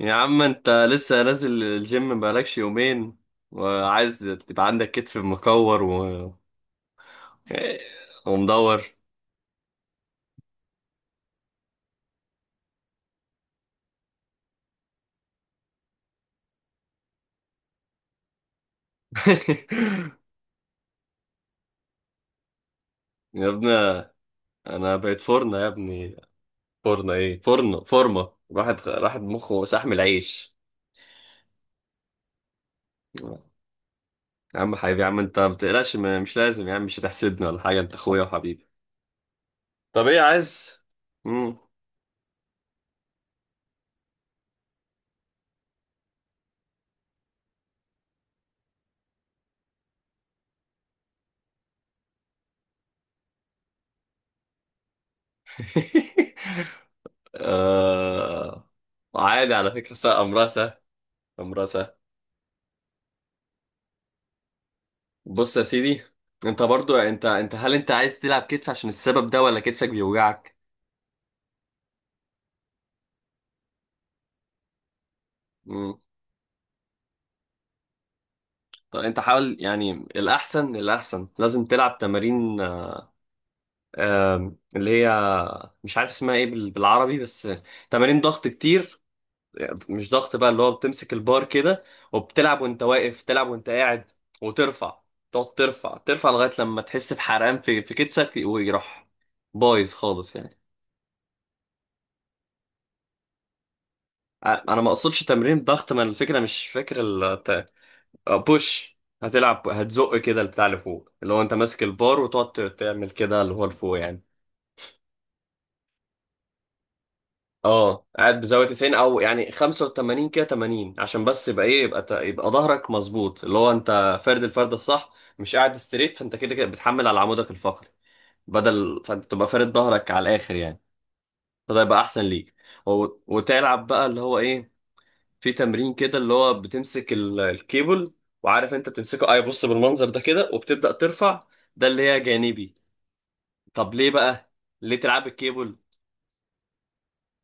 يا عم، انت لسه نازل الجيم بقالكش يومين وعايز تبقى عندك كتف مكور ومدور. يا ابني، انا بقيت فرنة يا ابني. فرنة ايه؟ فرنة فورمة. راحت مخه سحم العيش. يا عم حبيبي، يا عم انت ما بتقلقش، مش لازم يا عم، مش هتحسدني ولا حاجة، انت اخويا وحبيبي. طب ايه عايز؟ مم. آه... عادي على فكرة، امرها سهل، امرها سهل. بص يا سيدي، انت برضو، انت هل انت عايز تلعب كتف عشان السبب ده، ولا كتفك بيوجعك؟ مم. طب انت حاول، يعني الاحسن، الاحسن لازم تلعب تمارين، اللي هي مش عارف اسمها ايه بالعربي، بس تمارين ضغط كتير. مش ضغط بقى، اللي هو بتمسك البار كده وبتلعب وانت واقف، تلعب وانت قاعد وترفع. تقعد ترفع ترفع لغاية لما تحس بحرقان في كتفك ويروح بايظ خالص يعني. انا ما اقصدش تمرين ضغط، ما الفكره مش فاكر. بوش. هتلعب، هتزق كده البتاع اللي فوق، اللي هو انت ماسك البار وتقعد تعمل كده اللي هو لفوق يعني. اه، قاعد بزاويه 90، او يعني 85 كده، 80، عشان بس يبقى ايه، يبقى يبقى ظهرك مظبوط، اللي هو انت فرد، الفرد الصح، مش قاعد ستريت. فانت كده كده بتحمل على عمودك الفقري، بدل فانت تبقى فارد ظهرك على الاخر يعني، فده يبقى احسن ليك. و- وتلعب بقى اللي هو ايه، في تمرين كده اللي هو بتمسك الكيبل، وعارف انت بتمسكه اي، بص بالمنظر ده كده وبتبدأ ترفع. ده اللي هي جانبي. طب ليه بقى، ليه تلعب الكيبل؟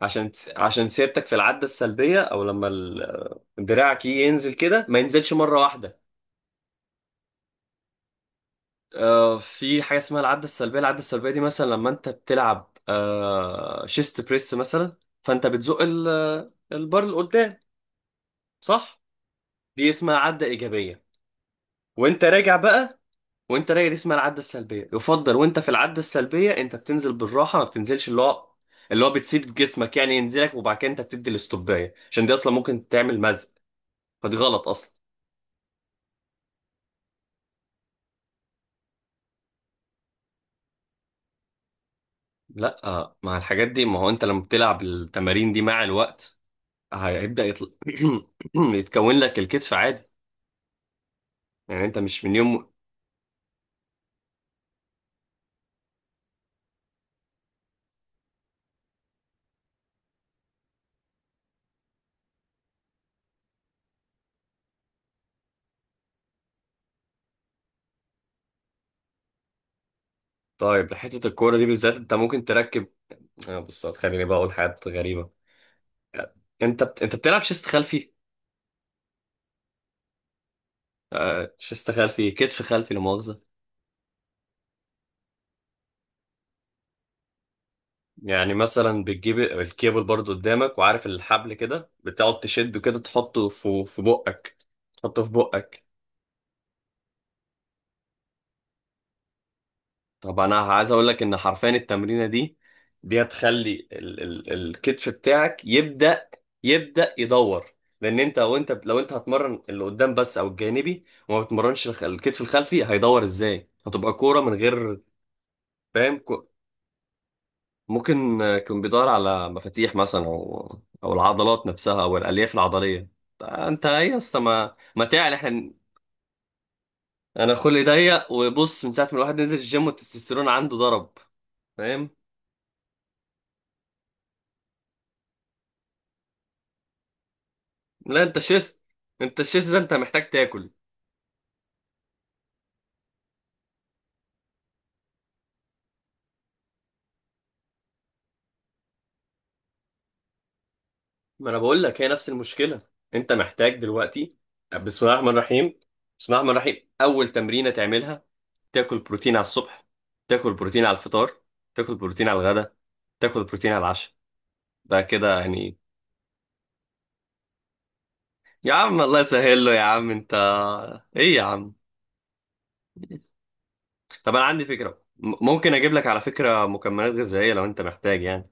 عشان عشان سيرتك في العدة السلبية، او لما دراعك يجي ينزل كده ما ينزلش مرة واحدة. في حاجة اسمها العدة السلبية. العدة السلبية دي مثلا لما انت بتلعب شيست بريس مثلا، فانت بتزق البار لقدام، صح؟ دي اسمها عدة إيجابية. وانت راجع بقى، وانت راجع، دي اسمها العده السلبيه. يفضل وانت في العده السلبيه انت بتنزل بالراحه، ما بتنزلش اللي هو، اللي هو بتسيب جسمك يعني ينزلك، وبعد كده انت بتدي الاستوبايه، عشان دي اصلا ممكن تعمل مزق، فدي غلط اصلا. لا، مع الحاجات دي. ما هو انت لما بتلعب التمارين دي مع الوقت هيبدا يطلع، يتكون لك الكتف عادي، يعني انت مش من يوم. طيب حته الكوره دي بالذات، انت ممكن تركب. بص، خليني بقى اقول حاجات غريبه. انت انت بتلعب شيست خلفي. شيست خلفي، كتف خلفي، لا مؤاخذه. يعني مثلا بتجيب الكيبل برضو قدامك، وعارف الحبل كده، بتقعد تشده كده، تحطه في بقك، تحطه في بقك. طب انا عايز اقول لك ان حرفيا التمرينه دي، دي هتخلي ال ال الكتف بتاعك يبدا، يبدا يدور. لان انت هتمرن اللي قدام بس او الجانبي، وما بتمرنش الكتف الخلفي، هيدور ازاي؟ هتبقى كوره من غير، فاهم. ممكن يكون بيدور على مفاتيح مثلا، او العضلات نفسها، او الالياف العضليه. انت ايه اصلا، ما تعال احنا. انا خلقي ضيق، وبص، من ساعه ما الواحد نزل الجيم والتستوستيرون عنده ضرب، فاهم. لا، انت شيست، انت الشيست ده انت محتاج تاكل. ما انا بقول لك هي نفس المشكله، انت محتاج دلوقتي. بسم الله الرحمن الرحيم، بسم الله الرحمن الرحيم. اول تمرينه تعملها، تاكل بروتين على الصبح، تاكل بروتين على الفطار، تاكل بروتين على الغداء، تاكل بروتين على العشاء. ده كده يعني. يا عم الله يسهل له، يا عم انت ايه يا عم؟ طب انا عندي فكرة، ممكن اجيب لك على فكرة مكملات غذائية لو انت محتاج يعني.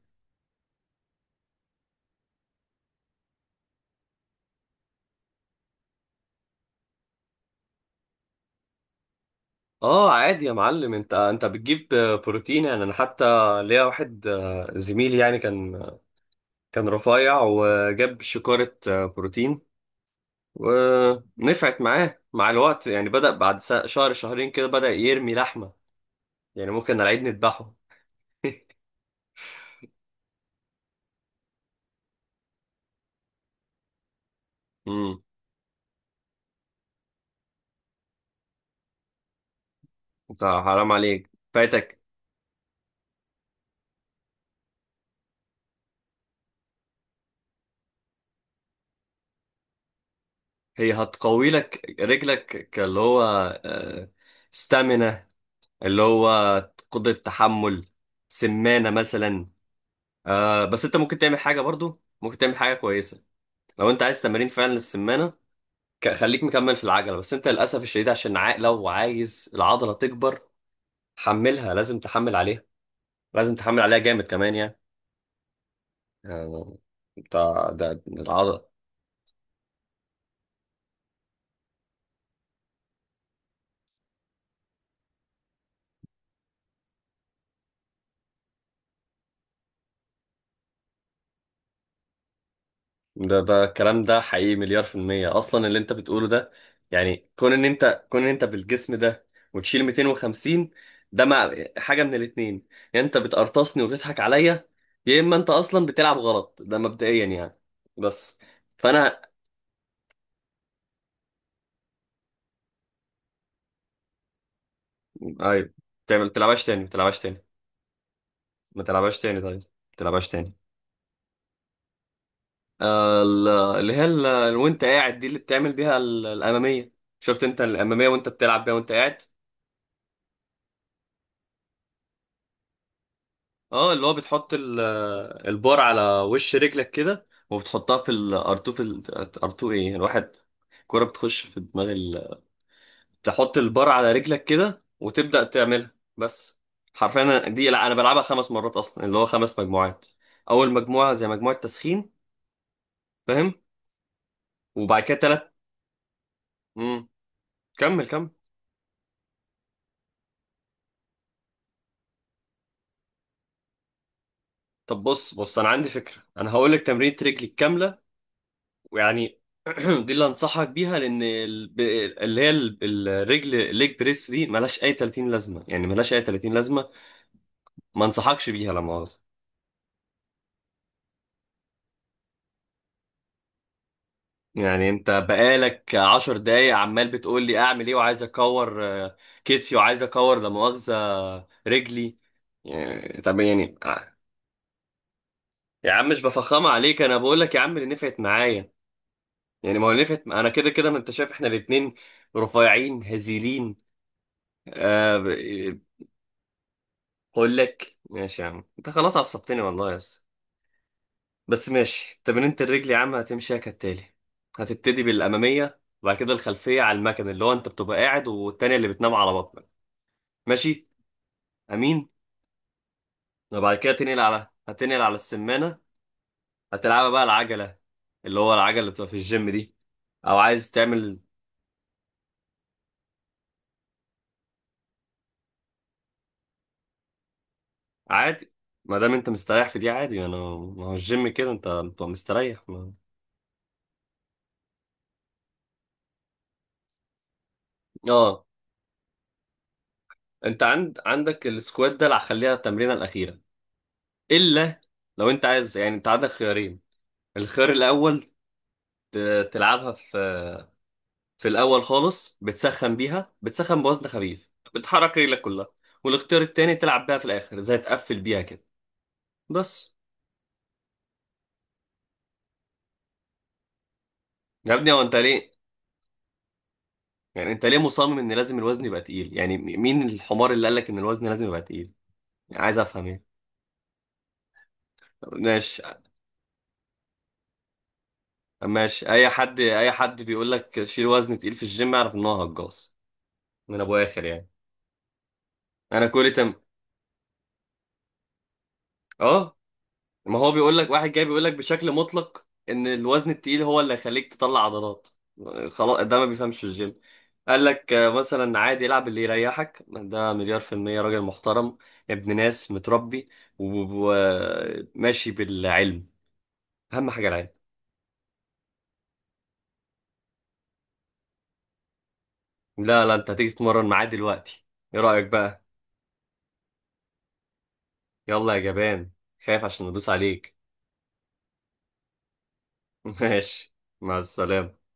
اه عادي يا معلم، انت انت بتجيب بروتين يعني. انا حتى ليا واحد زميلي يعني، كان كان رفيع، وجاب شكارة بروتين، ونفعت معاه مع الوقت، يعني بدأ بعد شهر، شهرين كده بدأ يرمي لحمة، يعني ممكن على العيد نذبحه. امم انت حرام عليك فايتك. هي هتقوي لك رجلك، كاللي هو ستامينا، اللي هو قدرة تحمل، سمانة مثلا. بس انت ممكن تعمل حاجة برضو، ممكن تعمل حاجة كويسة لو انت عايز تمارين فعلا للسمانة. خليك مكمل في العجلة، بس انت للأسف الشديد عشان لو عايز العضلة تكبر، حملها، لازم تحمل عليها، لازم تحمل عليها جامد كمان يعني. يعني انت، ده العضلة. ده ده الكلام ده حقيقي مليار في المية أصلا اللي أنت بتقوله ده. يعني كون إن أنت، كون إن أنت بالجسم ده وتشيل 250، ده مع حاجة من الاتنين: يا أنت بتقرطصني وبتضحك عليا، يا إما أنت أصلا بتلعب غلط. ده مبدئيا يعني. بس فأنا. أيوة، تعمل تلعبهاش تاني، ما تلعبهاش تاني، ما تلعبهاش تاني طيب، ما تلعبهاش تاني. اللي هي وأنت قاعد، دي اللي بتعمل بيها الأمامية. شفت؟ أنت الأمامية وأنت بتلعب بيها وأنت قاعد. اه، اللي هو بتحط البار على وش رجلك كده، وبتحطها في الارتو، في الارتو ايه الواحد، كرة بتخش في دماغ ال... تحط البار على رجلك كده وتبدأ تعملها، بس. حرفيا دي، لا انا بلعبها خمس مرات اصلا، اللي هو خمس مجموعات. اول مجموعة زي مجموعة تسخين، فاهم؟ وبعد كده تلات. امم كمل، كمل. طب بص، انا عندي فكرة، انا هقول لك تمرينة رجلي كاملة ويعني، دي اللي انصحك بيها، لان اللي هي الرجل الليج بريس دي ملهاش اي 30 لازمه يعني، ملهاش اي 30 لازمه، ما انصحكش بيها، لا مؤاخذه. يعني انت بقالك 10 دقايق عمال بتقول لي اعمل ايه، وعايز اكور كتفي، وعايز اكور لا مؤاخذه رجلي. يعني طب يعني يا عم، مش بفخمه عليك، انا بقول لك يا عم اللي نفعت معايا، يعني ما هو اللي نفعت انا، كده كده ما انت شايف احنا الاتنين رفيعين هزيلين. آه. اقول لك، ماشي يا عم، انت خلاص عصبتني والله يا اسطى، بس ماشي. تمرينة الرجل يا عم هتمشيها كالتالي: هتبتدي بالاماميه، وبعد كده الخلفيه على المكن، اللي هو انت بتبقى قاعد، والتانيه اللي بتنام على بطنك. ماشي. امين. وبعد كده تنقل على، هتنقل على السمانه، هتلعبها بقى العجله، اللي هو العجله اللي بتبقى في الجيم دي، او عايز تعمل عادي. ما دام انت مستريح في دي عادي، انا ما هو الجيم كده، انت بتبقى مستريح ما... اه، انت عند، عندك السكوات ده، اللي هخليها التمرينه الاخيره، الا لو انت عايز يعني. انت عندك خيارين: الخيار الاول، تلعبها في في الاول خالص، بتسخن بيها، بتسخن بوزن خفيف، بتحرك رجلك كلها. والاختيار التاني، تلعب بيها في الاخر زي تقفل بيها كده، بس. يا ابني هو انت ليه، يعني انت ليه مصمم ان لازم الوزن يبقى تقيل يعني؟ مين الحمار اللي قال لك ان الوزن لازم يبقى تقيل؟ يعني عايز افهم ايه؟ ماشي. ماشي، اي حد، اي حد بيقول لك شيل وزن تقيل في الجيم، اعرف ان هو هجاص من ابو اخر يعني. انا كل تم اه، ما هو بيقول لك، واحد جاي بيقول لك بشكل مطلق ان الوزن التقيل هو اللي هيخليك تطلع عضلات، خلاص ده ما بيفهمش في الجيم. قال لك مثلا عادي العب اللي يريحك، ده مليار في المية راجل محترم، ابن ناس متربي وماشي بالعلم، اهم حاجة العلم. لا لا، انت هتيجي تتمرن معاه دلوقتي، ايه رأيك بقى؟ يلا يا جبان، خايف عشان ندوس عليك. ماشي، مع السلامة.